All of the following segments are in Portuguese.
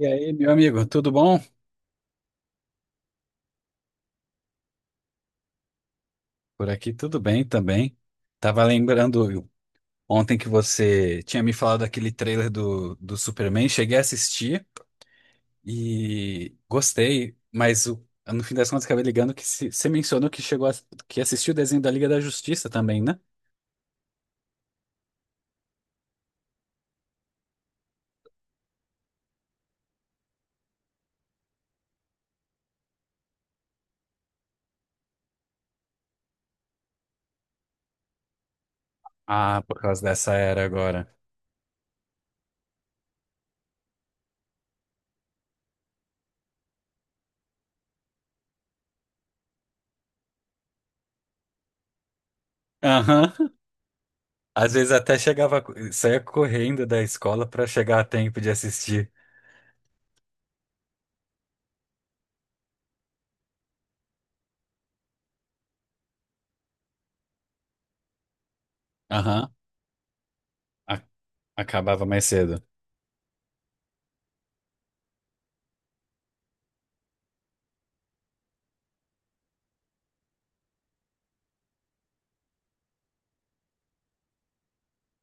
E aí, meu amigo, tudo bom? Por aqui tudo bem também. Tava lembrando ontem que você tinha me falado daquele trailer do Superman, cheguei a assistir e gostei, no fim das contas acabei ligando que se- você mencionou que chegou que assistiu o desenho da Liga da Justiça também, né? Ah, por causa dessa era agora. Aham. Às vezes até saía correndo da escola pra chegar a tempo de assistir. Aham. A- Acabava mais cedo.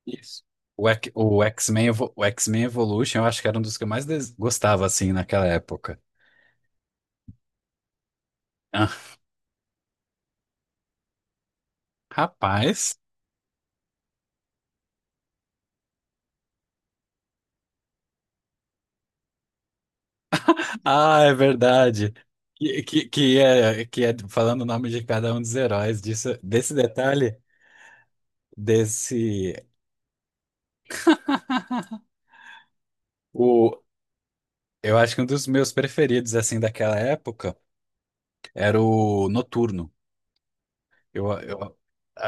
Isso. O X-Men Evolution, eu acho que era um dos que eu mais gostava, assim, naquela época. Ah, rapaz. Ah, é verdade. Que é falando o nome de cada um dos heróis. Disso, desse detalhe, desse. O, eu acho que um dos meus preferidos, assim, daquela época era o Noturno. Eu, eu,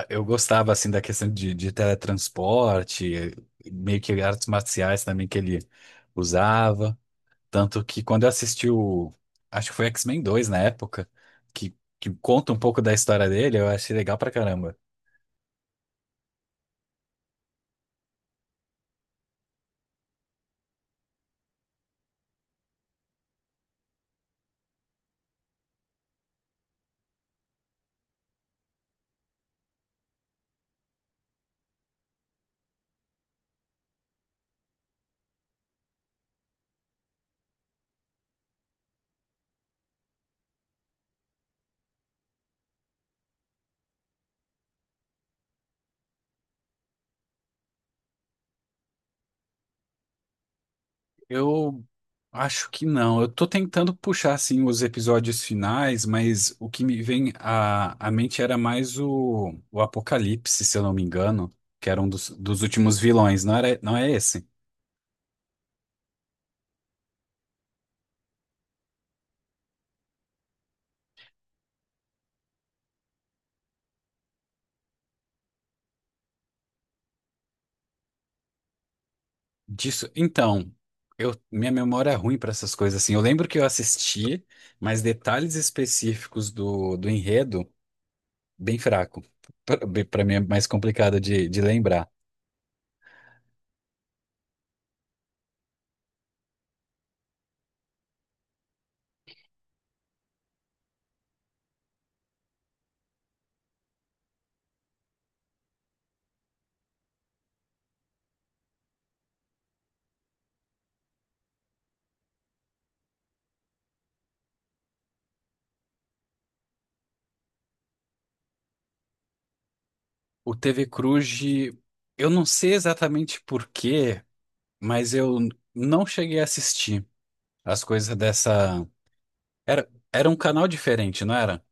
eu gostava, assim, da questão de teletransporte, meio que artes marciais também que ele usava. Tanto que quando eu assisti o. Acho que foi X-Men 2 na época, que conta um pouco da história dele, eu achei legal pra caramba. Eu acho que não. Eu tô tentando puxar, assim, os episódios finais, mas o que me vem à mente era mais o Apocalipse, se eu não me engano, que era um dos últimos vilões, não era, não é esse? Disso. Então, eu, minha memória é ruim pra essas coisas, assim. Eu lembro que eu assisti, mas detalhes específicos do enredo. Bem fraco. Para mim é mais complicado de lembrar. O TV Cruz, eu não sei exatamente por quê, mas eu não cheguei a assistir as coisas dessa. Era um canal diferente, não era?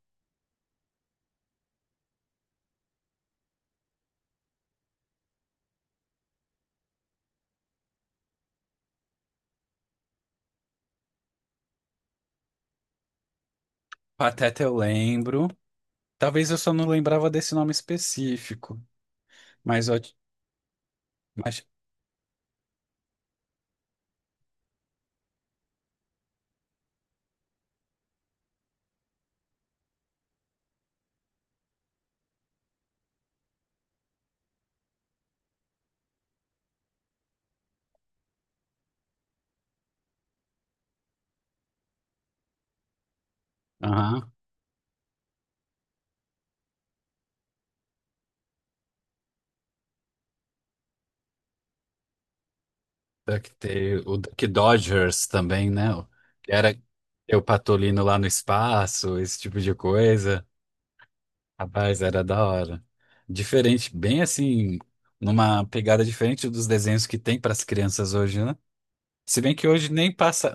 Pateta eu lembro. Talvez eu só não lembrava desse nome específico. Mas. Mas aham. Duck Tale, o Duck Dodgers também, né? Que era eu patolino lá no espaço, esse tipo de coisa. Rapaz, era da hora. Diferente, bem assim, numa pegada diferente dos desenhos que tem para as crianças hoje, né? Se bem que hoje nem passa,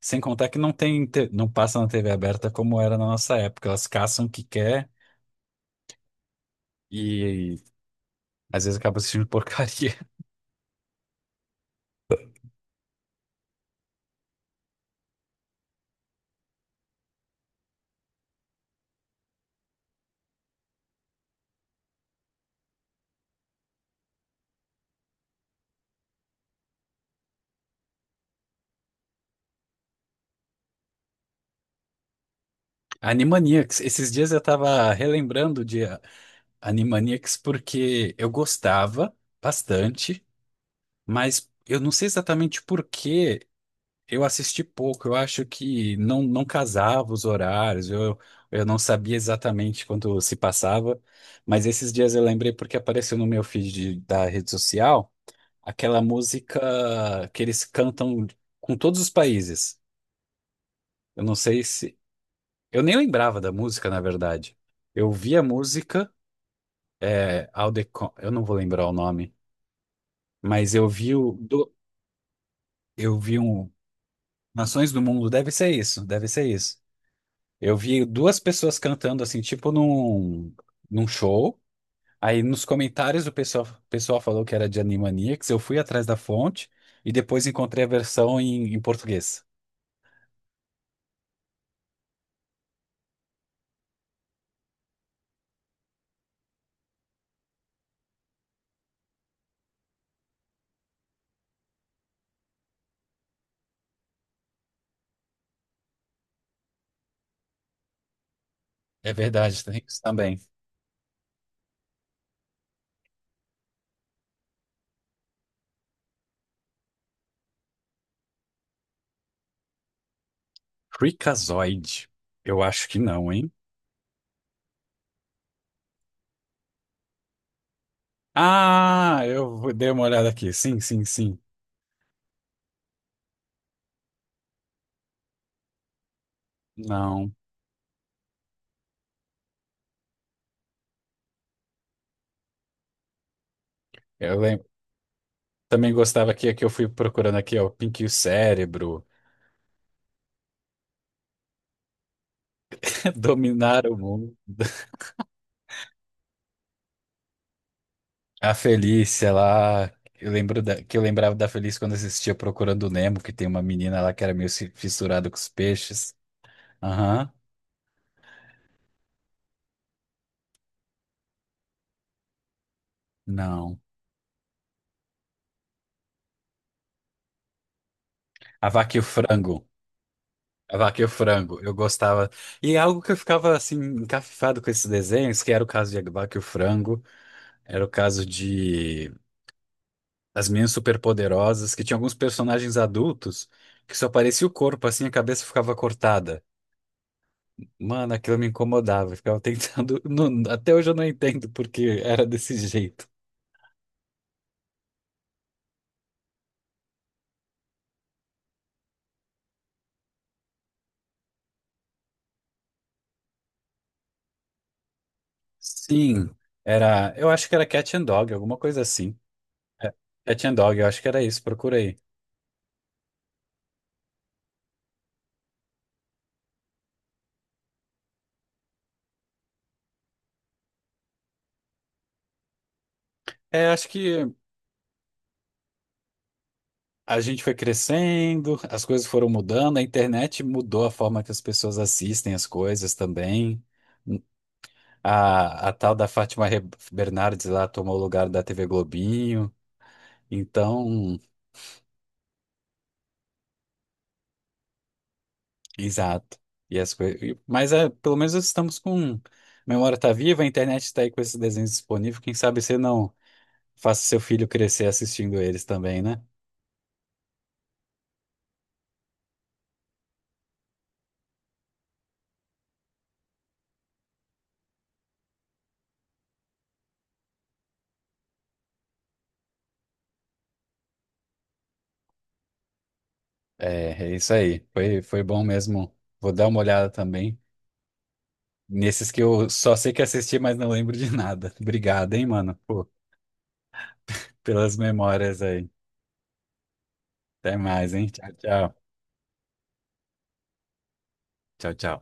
sem contar que não tem, não passa na TV aberta como era na nossa época. Elas caçam o que quer e, às vezes acabam assistindo porcaria. Animaniacs, esses dias eu tava relembrando de Animaniacs porque eu gostava bastante, mas eu não sei exatamente por quê. Eu assisti pouco, eu acho que não, não casava os horários, eu não sabia exatamente quando se passava, mas esses dias eu lembrei porque apareceu no meu feed da rede social aquela música que eles cantam com todos os países. Eu não sei se. Eu nem lembrava da música, na verdade. Eu vi a música, é, Aldecon, eu não vou lembrar o nome, mas eu eu vi um. Nações do Mundo, deve ser isso, deve ser isso. Eu vi duas pessoas cantando assim, num show. Aí nos comentários o pessoal falou que era de Animaniacs. Eu fui atrás da fonte e depois encontrei a versão em português. É verdade, tem isso também. Freakazoid. Eu acho que não, hein? Dei uma olhada aqui. Sim. Não. Eu lembro. Também gostava aqui, que eu fui procurando aqui, ó, Pinky e o Cérebro, Dominar o Mundo. A Felícia lá, eu lembro que eu lembrava da Felícia quando assistia Procurando o Nemo, que tem uma menina lá que era meio fissurada com os peixes. Aham, não. A Vaca e o Frango. A Vaca e o Frango, eu gostava. E algo que eu ficava assim, encafifado com esses desenhos, que era o caso de A Vaca e o Frango, era o caso de As Meninas Superpoderosas, que tinha alguns personagens adultos que só aparecia o corpo, assim, a cabeça ficava cortada. Mano, aquilo me incomodava. Eu ficava tentando. Até hoje eu não entendo porque era desse jeito. Sim. Era. Eu acho que era Cat and Dog, alguma coisa assim. É, Cat and Dog, eu acho que era isso. Procura aí. É, acho que a gente foi crescendo, as coisas foram mudando, a internet mudou a forma que as pessoas assistem as coisas também. A tal da Bernardes lá tomou o lugar da TV Globinho. Então. Exato. E as coisas. Mas é, pelo menos estamos com. A memória está viva, a internet está aí com esses desenhos disponíveis. Quem sabe você não faça seu filho crescer assistindo eles também, né? É, é isso aí. Foi, foi bom mesmo. Vou dar uma olhada também. Nesses que eu só sei que assisti, mas não lembro de nada. Obrigado, hein, mano, pô, pelas memórias aí. Até mais, hein? Tchau, tchau. Tchau, tchau.